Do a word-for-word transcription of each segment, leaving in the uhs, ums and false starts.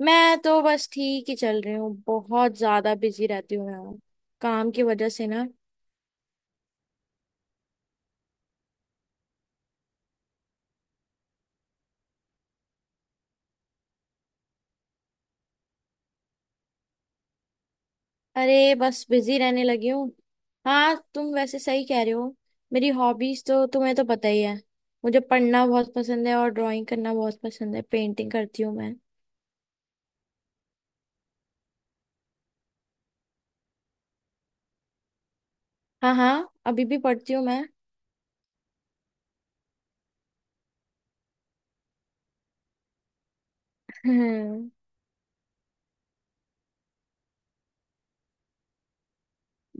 मैं तो बस ठीक ही चल रही हूँ। बहुत ज्यादा बिजी रहती हूँ यार, काम की वजह से ना। अरे बस बिजी रहने लगी हूँ। हाँ, तुम वैसे सही कह रहे हो। मेरी हॉबीज तो तुम्हें तो पता ही है। मुझे पढ़ना बहुत पसंद है और ड्राइंग करना बहुत पसंद है, पेंटिंग करती हूँ मैं। हाँ हाँ, अभी भी पढ़ती हूँ मैं। हम्म,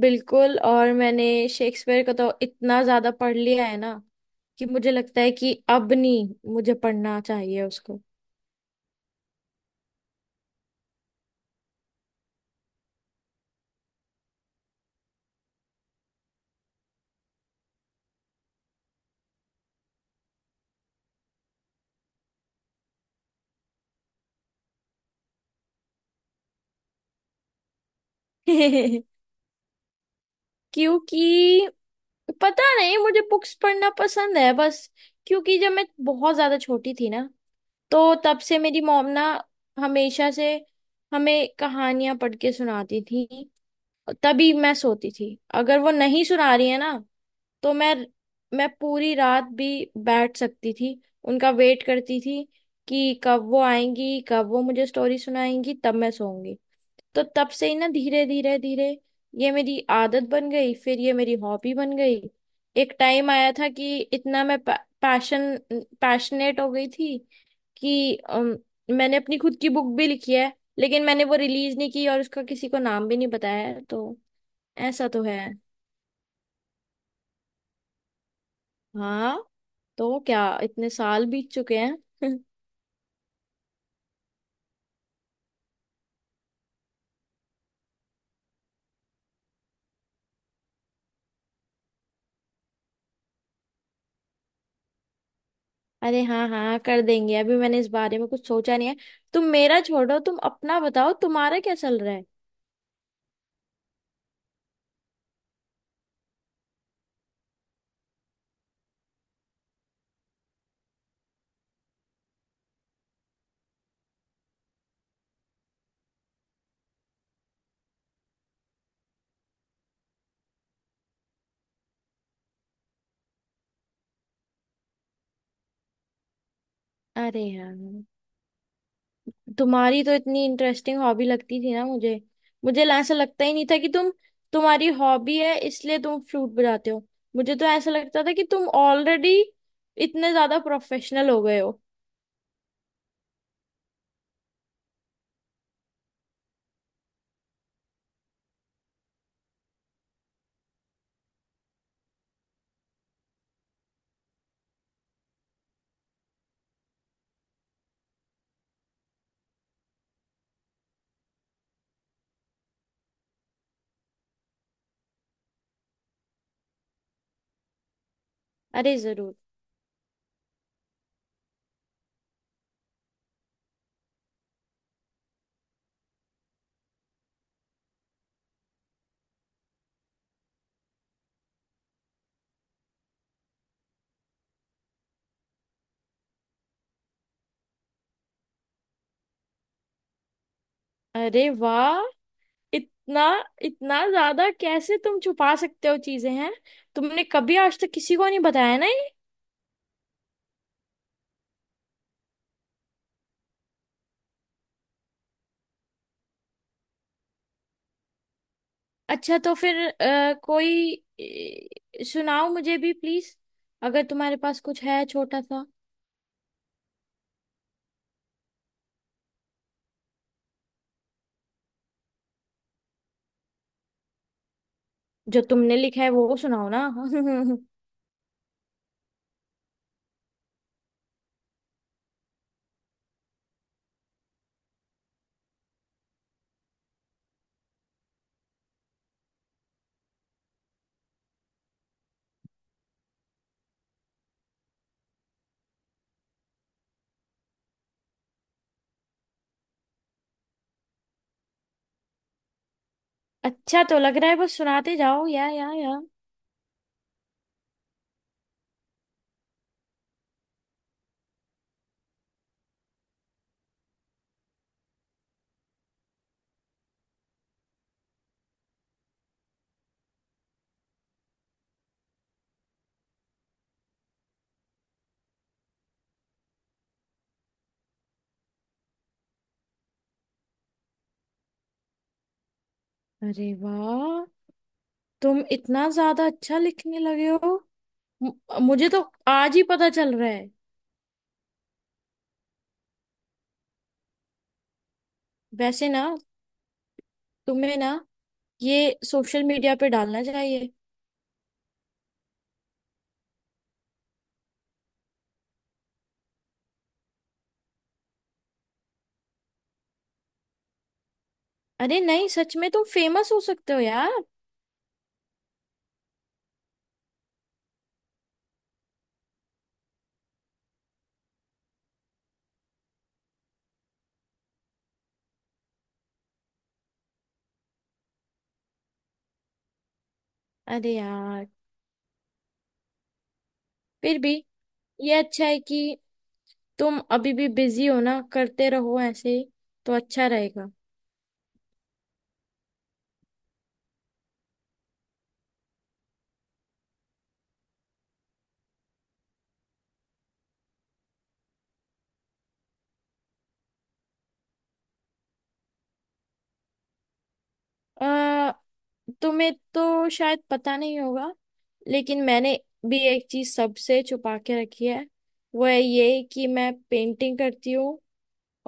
बिल्कुल। और मैंने शेक्सपियर का तो इतना ज्यादा पढ़ लिया है ना कि मुझे लगता है कि अब नहीं मुझे पढ़ना चाहिए उसको। क्योंकि पता नहीं, मुझे बुक्स पढ़ना पसंद है बस। क्योंकि जब मैं बहुत ज्यादा छोटी थी ना, तो तब से मेरी मॉम ना हमेशा से हमें कहानियां पढ़ के सुनाती थी। तभी मैं सोती थी, अगर वो नहीं सुना रही है ना तो मैं मैं पूरी रात भी बैठ सकती थी, उनका वेट करती थी कि कब वो आएंगी, कब वो मुझे स्टोरी सुनाएंगी, तब मैं सोऊंगी। तो तब से ही ना धीरे धीरे धीरे ये मेरी आदत बन गई, फिर ये मेरी हॉबी बन गई। एक टाइम आया था कि इतना मैं पैशन पैशनेट हो गई थी कि अम, मैंने अपनी खुद की बुक भी लिखी है। लेकिन मैंने वो रिलीज नहीं की और उसका किसी को नाम भी नहीं बताया है, तो। ऐसा तो है। हाँ। तो क्या इतने साल बीत चुके हैं। अरे हाँ हाँ, कर देंगे। अभी मैंने इस बारे में कुछ सोचा नहीं है। तुम मेरा छोड़ो, तुम अपना बताओ, तुम्हारा क्या चल रहा है। अरे हाँ, तुम्हारी तो इतनी इंटरेस्टिंग हॉबी लगती थी ना मुझे। मुझे ऐसा लगता ही नहीं था कि तुम तुम्हारी हॉबी है इसलिए तुम फ्लूट बजाते हो। मुझे तो ऐसा लगता था कि तुम ऑलरेडी इतने ज्यादा प्रोफेशनल हो गए हो। अरे जरूर। अरे वाह, इतना इतना ज्यादा कैसे तुम छुपा सकते हो चीजें हैं। तुमने कभी आज तक किसी को नहीं बताया ना ये? अच्छा, तो फिर अ, कोई अ, सुनाओ मुझे भी प्लीज, अगर तुम्हारे पास कुछ है छोटा सा। जो तुमने लिखा है वो सुनाओ ना। अच्छा तो लग रहा है, बस सुनाते जाओ या या या। अरे वाह, तुम इतना ज्यादा अच्छा लिखने लगे हो। म- मुझे तो आज ही पता चल रहा है। वैसे ना, तुम्हें ना ये सोशल मीडिया पे डालना चाहिए। अरे नहीं, सच में तुम फेमस हो सकते हो यार। अरे यार, फिर भी ये अच्छा है कि तुम अभी भी बिजी हो ना, करते रहो ऐसे ही, तो अच्छा रहेगा। अ तुम्हें तो शायद पता नहीं होगा, लेकिन मैंने भी एक चीज सबसे छुपा के रखी है। वो है ये कि मैं पेंटिंग करती हूँ,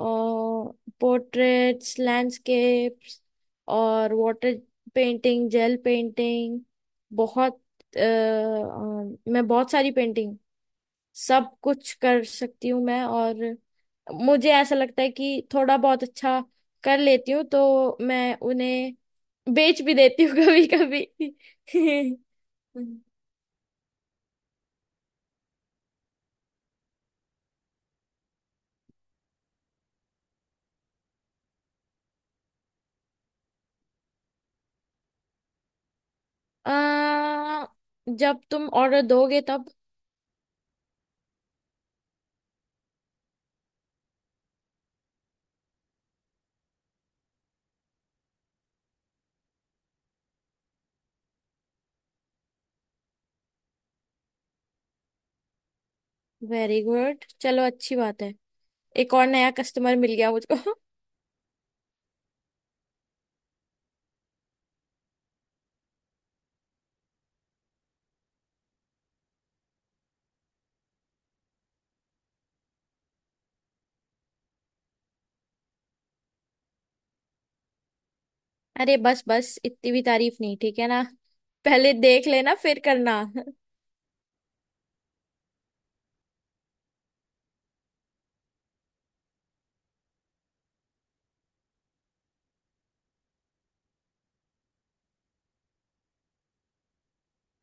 और पोर्ट्रेट्स, लैंडस्केप्स और वाटर पेंटिंग, जेल पेंटिंग, बहुत अ, अ, मैं बहुत सारी पेंटिंग, सब कुछ कर सकती हूँ मैं। और मुझे ऐसा लगता है कि थोड़ा बहुत अच्छा कर लेती हूँ तो मैं उन्हें बेच भी देती हूँ कभी कभी। आ, जब तुम ऑर्डर दोगे तब। वेरी गुड, चलो अच्छी बात है। एक और नया कस्टमर मिल गया मुझको। अरे बस बस, इतनी भी तारीफ नहीं, ठीक है ना। पहले देख लेना फिर करना।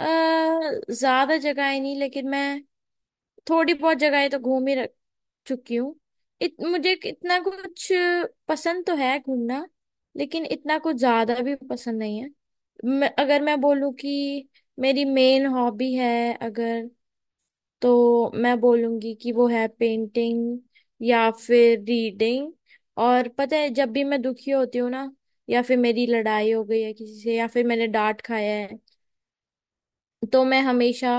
आ, ज्यादा जगह नहीं, लेकिन मैं थोड़ी बहुत जगह तो घूम ही रख चुकी हूँ। इत, मुझे इतना कुछ पसंद तो है घूमना, लेकिन इतना कुछ ज्यादा भी पसंद नहीं है। मैं, अगर मैं बोलूँ कि मेरी मेन हॉबी है अगर, तो मैं बोलूंगी कि वो है पेंटिंग, या फिर रीडिंग। और पता है, जब भी मैं दुखी होती हूँ ना या फिर मेरी लड़ाई हो गई है किसी से या फिर मैंने डांट खाया है, तो मैं हमेशा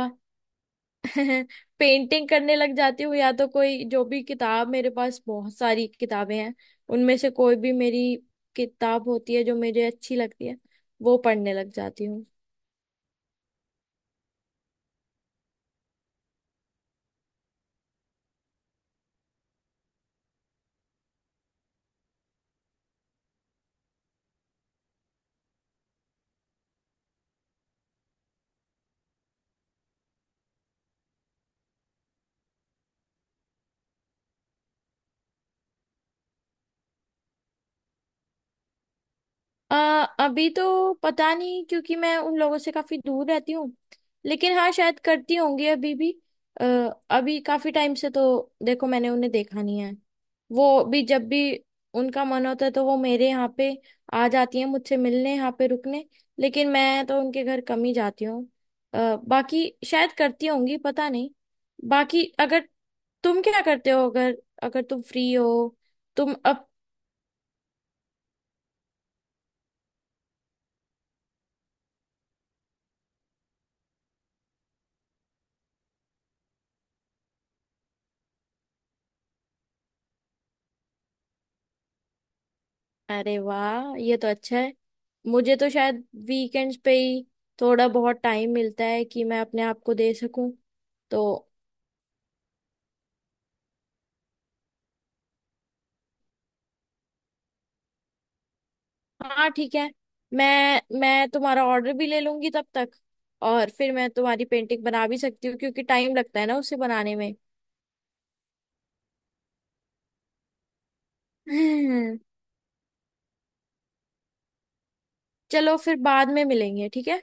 पेंटिंग करने लग जाती हूँ। या तो कोई जो भी किताब, मेरे पास बहुत सारी किताबें हैं, उनमें से कोई भी मेरी किताब होती है जो मुझे अच्छी लगती है वो पढ़ने लग जाती। आ, अभी तो पता नहीं, क्योंकि मैं उन लोगों से काफी दूर रहती हूँ। लेकिन हाँ, शायद करती होंगी अभी भी। आ, अभी काफी टाइम से तो देखो मैंने उन्हें देखा नहीं है। वो भी जब भी उनका मन होता है तो वो मेरे यहाँ पे आ जाती हैं मुझसे मिलने, यहाँ पे रुकने। लेकिन मैं तो उनके घर कम ही जाती हूँ। अ, बाकी शायद करती होंगी, पता नहीं। बाकी अगर तुम क्या करते हो अगर अगर तुम फ्री हो, तुम अब। अरे वाह, ये तो अच्छा है। मुझे तो शायद वीकेंड्स पे ही थोड़ा बहुत टाइम मिलता है कि मैं अपने आप को दे सकूं तो। हाँ ठीक है, मैं मैं तुम्हारा ऑर्डर भी ले लूंगी तब तक। और फिर मैं तुम्हारी पेंटिंग बना भी सकती हूँ क्योंकि टाइम लगता है ना उसे बनाने में। चलो फिर बाद में मिलेंगे, ठीक है।